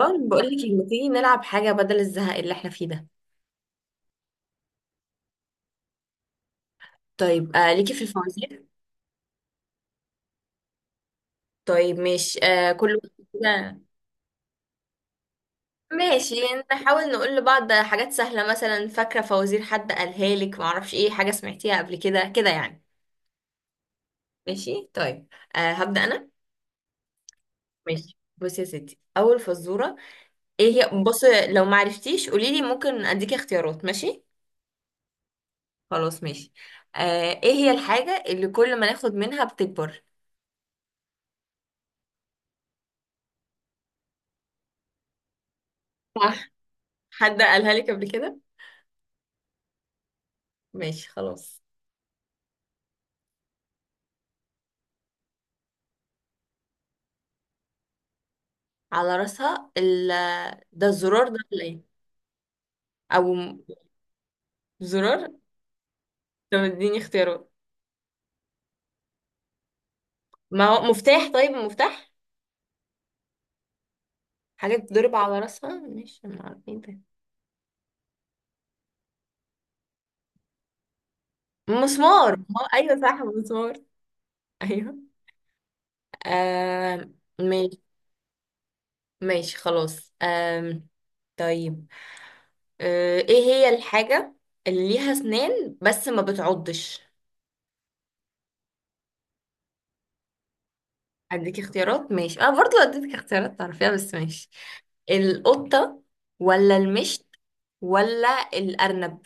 اه بقول لك إيه، ما تيجي نلعب حاجه بدل الزهق اللي احنا فيه ده؟ طيب آه ليكي في الفوازير. طيب ماشي، آه كل واحد كده. ماشي، نحاول نقول لبعض حاجات سهله، مثلا فاكره فوازير حد قالها لك، ما اعرفش ايه حاجه سمعتيها قبل كده يعني. ماشي طيب، آه هبدا انا. ماشي بصي يا ستي، اول فزوره. ايه هي، بصي لو ما عرفتيش قولي لي، ممكن اديكي اختيارات ماشي. خلاص ماشي. آه ايه هي الحاجه اللي كل ما ناخد منها بتكبر؟ صح. حد قالها لك قبل كده؟ ماشي خلاص. على راسها ده الزرار ده ولا ايه؟ او م- زرار. طب اديني اختيارات. ما هو مفتاح، طيب مفتاح. حاجة بتضرب على راسها، مش ما ايه ده، مسمار. ما هو- ايوه صح مسمار. ايوه. آم... ماشي. ماشي خلاص. طيب. ايه هي الحاجة اللي ليها اسنان بس ما بتعضش؟ اديك اختيارات ماشي، انا برضو اديتك اختيارات تعرفيها بس ماشي. القطة، ولا المشت، ولا الأرنب؟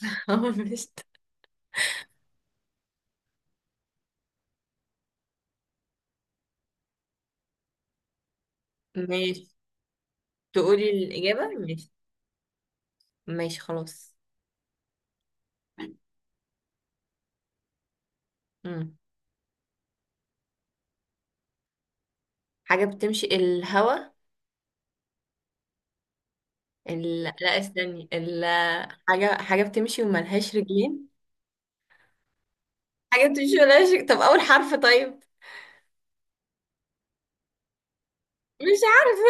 مش ماشي. تقولي الإجابة ماشي. ماشي خلاص. مم. حاجة بتمشي الهوا. لا استني، حاجة بتمشي وملهاش رجلين. حاجة بتمشي وملهاش رجلين، طب أول حرف طيب. مش عارفة.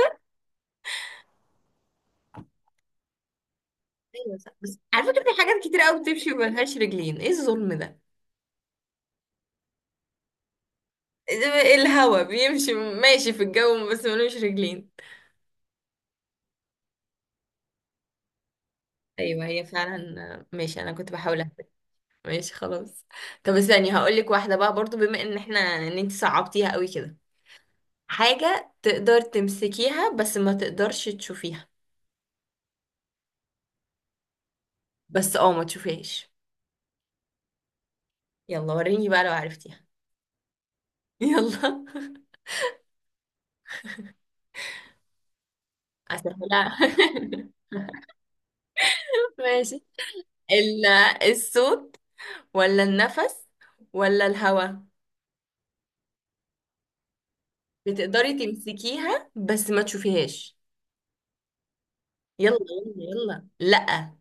أيوة صح، بس على فكرة في حاجات كتير أوي بتمشي وملهاش رجلين، إيه الظلم ده؟ إيه، الهوا بيمشي، ماشي في الجو بس ملوش رجلين. أيوة هي فعلا ماشي، أنا كنت بحاول. ماشي خلاص. طب استني هقولك واحدة بقى برضو، بما ان احنا ان انت صعبتيها قوي كده. حاجة تقدر تمسكيها بس ما تقدرش تشوفيها. بس اه ما تشوفيهاش. يلا وريني بقى لو عرفتيها. يلا، اسهلها. ماشي. ال- الصوت، ولا النفس، ولا الهوا؟ بتقدري تمسكيها بس ما تشوفيهاش. يلا يلا يلا لأ.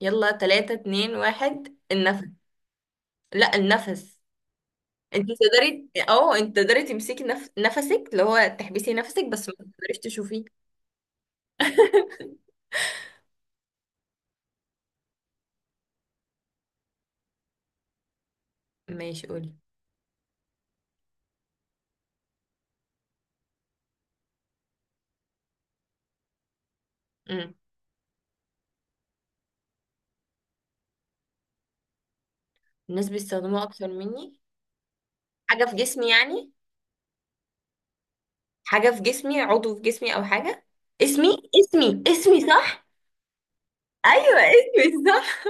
يلا تلاتة اتنين واحد، النفس. لأ النفس. انت تقدري، اه انت تقدري تمسكي نفسك، اللي هو تحبسي نفسك بس ما تقدريش تشوفيه. ماشي قولي. امم. الناس بيستخدموها اكتر مني. حاجه في جسمي يعني؟ حاجه في جسمي، عضو في جسمي او حاجه؟ اسمي. اسمي صح. ايوه اسمي صح.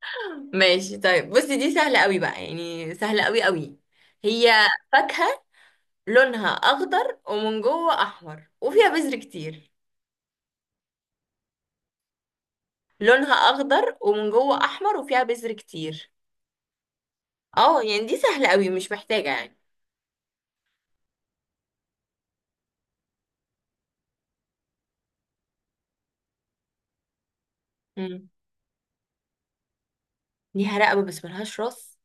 ماشي طيب بصي، دي سهله قوي بقى يعني سهله قوي قوي. هي فاكهه، لونها اخضر ومن جوه احمر وفيها بذر كتير. لونها اخضر ومن جوه احمر وفيها بذر كتير. اه يعني دي سهلة قوي مش محتاجة يعني. مم. ليها رقبة بس ملهاش راس.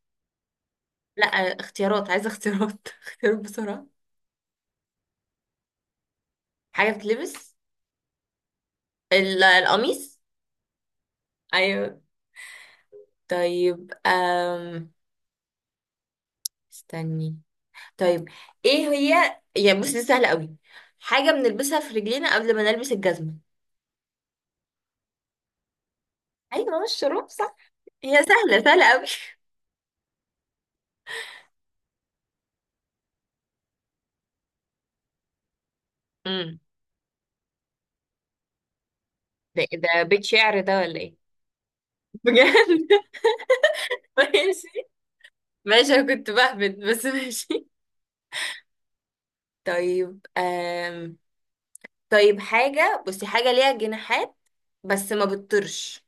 لا، اختيارات، عايزة اختيارات. اختيارات بسرعة. حاجة بتلبس. القميص. ايوه. طيب استني. طيب ايه هي يعني، بص دي سهلة قوي. حاجة بنلبسها في رجلينا قبل ما نلبس الجزمة. ايوه مش الشروب صح؟ هي سهلة سهلة قوي. امم، ده بيت شعر ده ولا ايه؟ بجد. ماشي. ماشي انا كنت بهبد بس ماشي. طيب طيب حاجة، بصي حاجة ليها جناحات بس ما بتطيرش.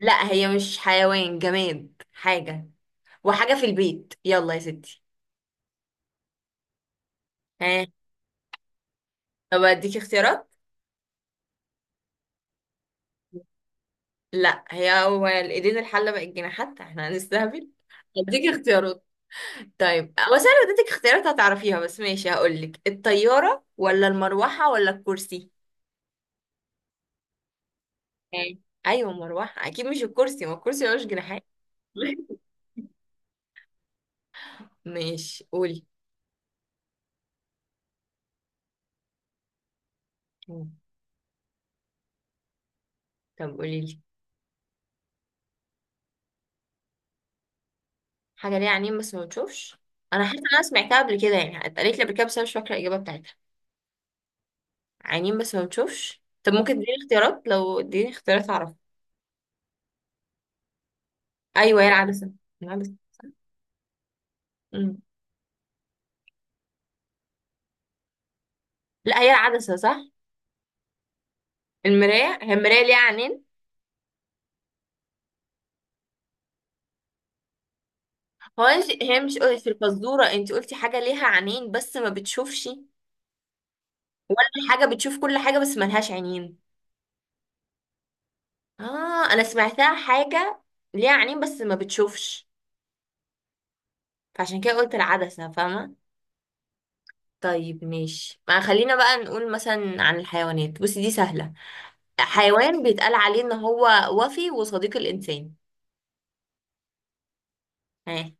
لا هي مش حيوان، جماد حاجة وحاجة في البيت. يلا يا ستي، ها. طب اديكي اختيارات. لا هي، هو الايدين الحلة بقت جناحات، احنا هنستهبل. اديكي اختيارات طيب. هو انا لو اديتك اختيارات هتعرفيها، بس ماشي هقولك، الطيارة ولا المروحة ولا الكرسي؟ ها. ايوه مروحة اكيد، مش الكرسي، ما الكرسي ملوش جناحات. ماشي قولي. طب قولي لي، حاجة ليها عينين بس ما بتشوفش. أنا حاسة إن أنا سمعتها قبل كده يعني، اتقالت لي قبل كده بس أنا مش فاكرة الإجابة بتاعتها. عينين بس ما بتشوفش، طب ممكن تديني اختيارات، لو اديني اختيارات أعرف. أيوه هي العدسة. العدسة. مم. لا هي العدسة صح. المراية، هي المراية ليها عينين؟ هي مش قلت في الفزورة أنت قلتي حاجة ليها عينين بس ما بتشوفش؟ ولا حاجة بتشوف كل حاجة بس ملهاش عينين؟ آه أنا سمعتها حاجة ليها عينين بس ما بتشوفش، فعشان كده قلت العدسة، فاهمة؟ طيب ماشي، ما خلينا بقى نقول مثلا عن الحيوانات، بصي دي سهلة. حيوان بيتقال عليه ان هو وفي وصديق الانسان. ها.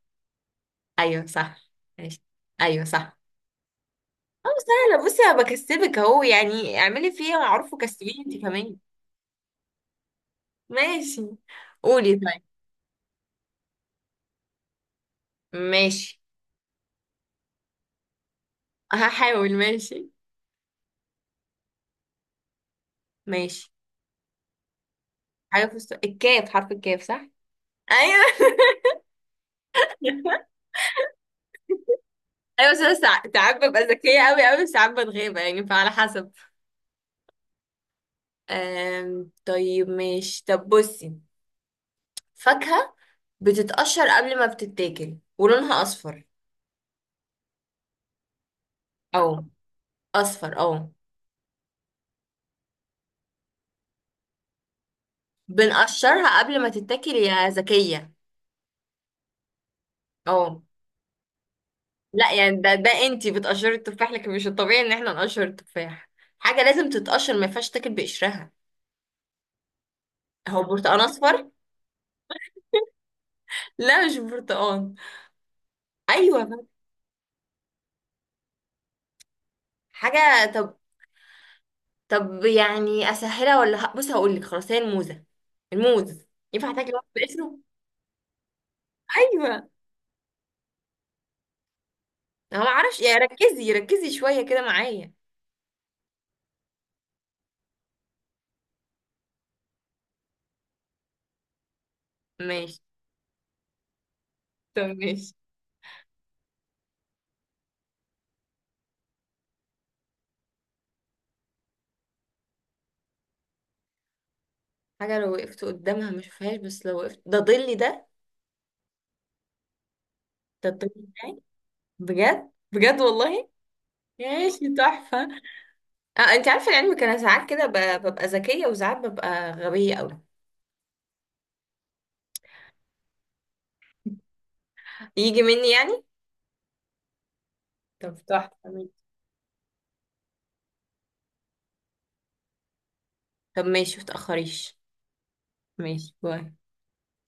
ايوه صح. ماشي. ايوه صح. اه سهلة، بصي انا بكسبك اهو يعني، اعملي فيها معروف وكسبيني انت كمان. ماشي قولي طيب. ماشي هحاول ماشي. ماشي حاجة في الكاف، حرف الكاف صح؟ ايوه. ايوه بس انا ساعات ببقى ذكية قوي قوي، ساعات بتغيب يعني فعلى حسب. آم، طيب ماشي. طب بصي، فاكهة بتتقشر قبل ما بتتاكل ولونها أصفر. أو أصفر أو. بنقشرها قبل ما تتاكل يا ذكية. أو لا يعني، ده ده انتي بتقشري التفاح لكن مش الطبيعي ان احنا نقشر التفاح، حاجة لازم تتقشر ما ينفعش تاكل بقشرها. هو برتقال أصفر؟ لا مش برتقال. أيوة. حاجة طب، طب يعني أسهلها ولا بصي هقولك، خلاص هي الموزة، الموز، ينفع تاكل واحد بقشره؟ أيوة. انا ما اعرفش يعني، ركزي ركزي شويه كده معايا. ماشي. طب ماشي. حاجه لو وقفت قدامها ما اشوفهاش بس لو وقفت، ده ظلي ده، ده الظل بتاعي. بجد بجد والله. ماشي تحفه. آه انت عارفه العلم انا ساعات كده ببقى ذكيه وساعات ببقى غبيه قوي. يجي مني يعني. طب تحفة ماشي. طب ماشي متأخريش. ماشي باي.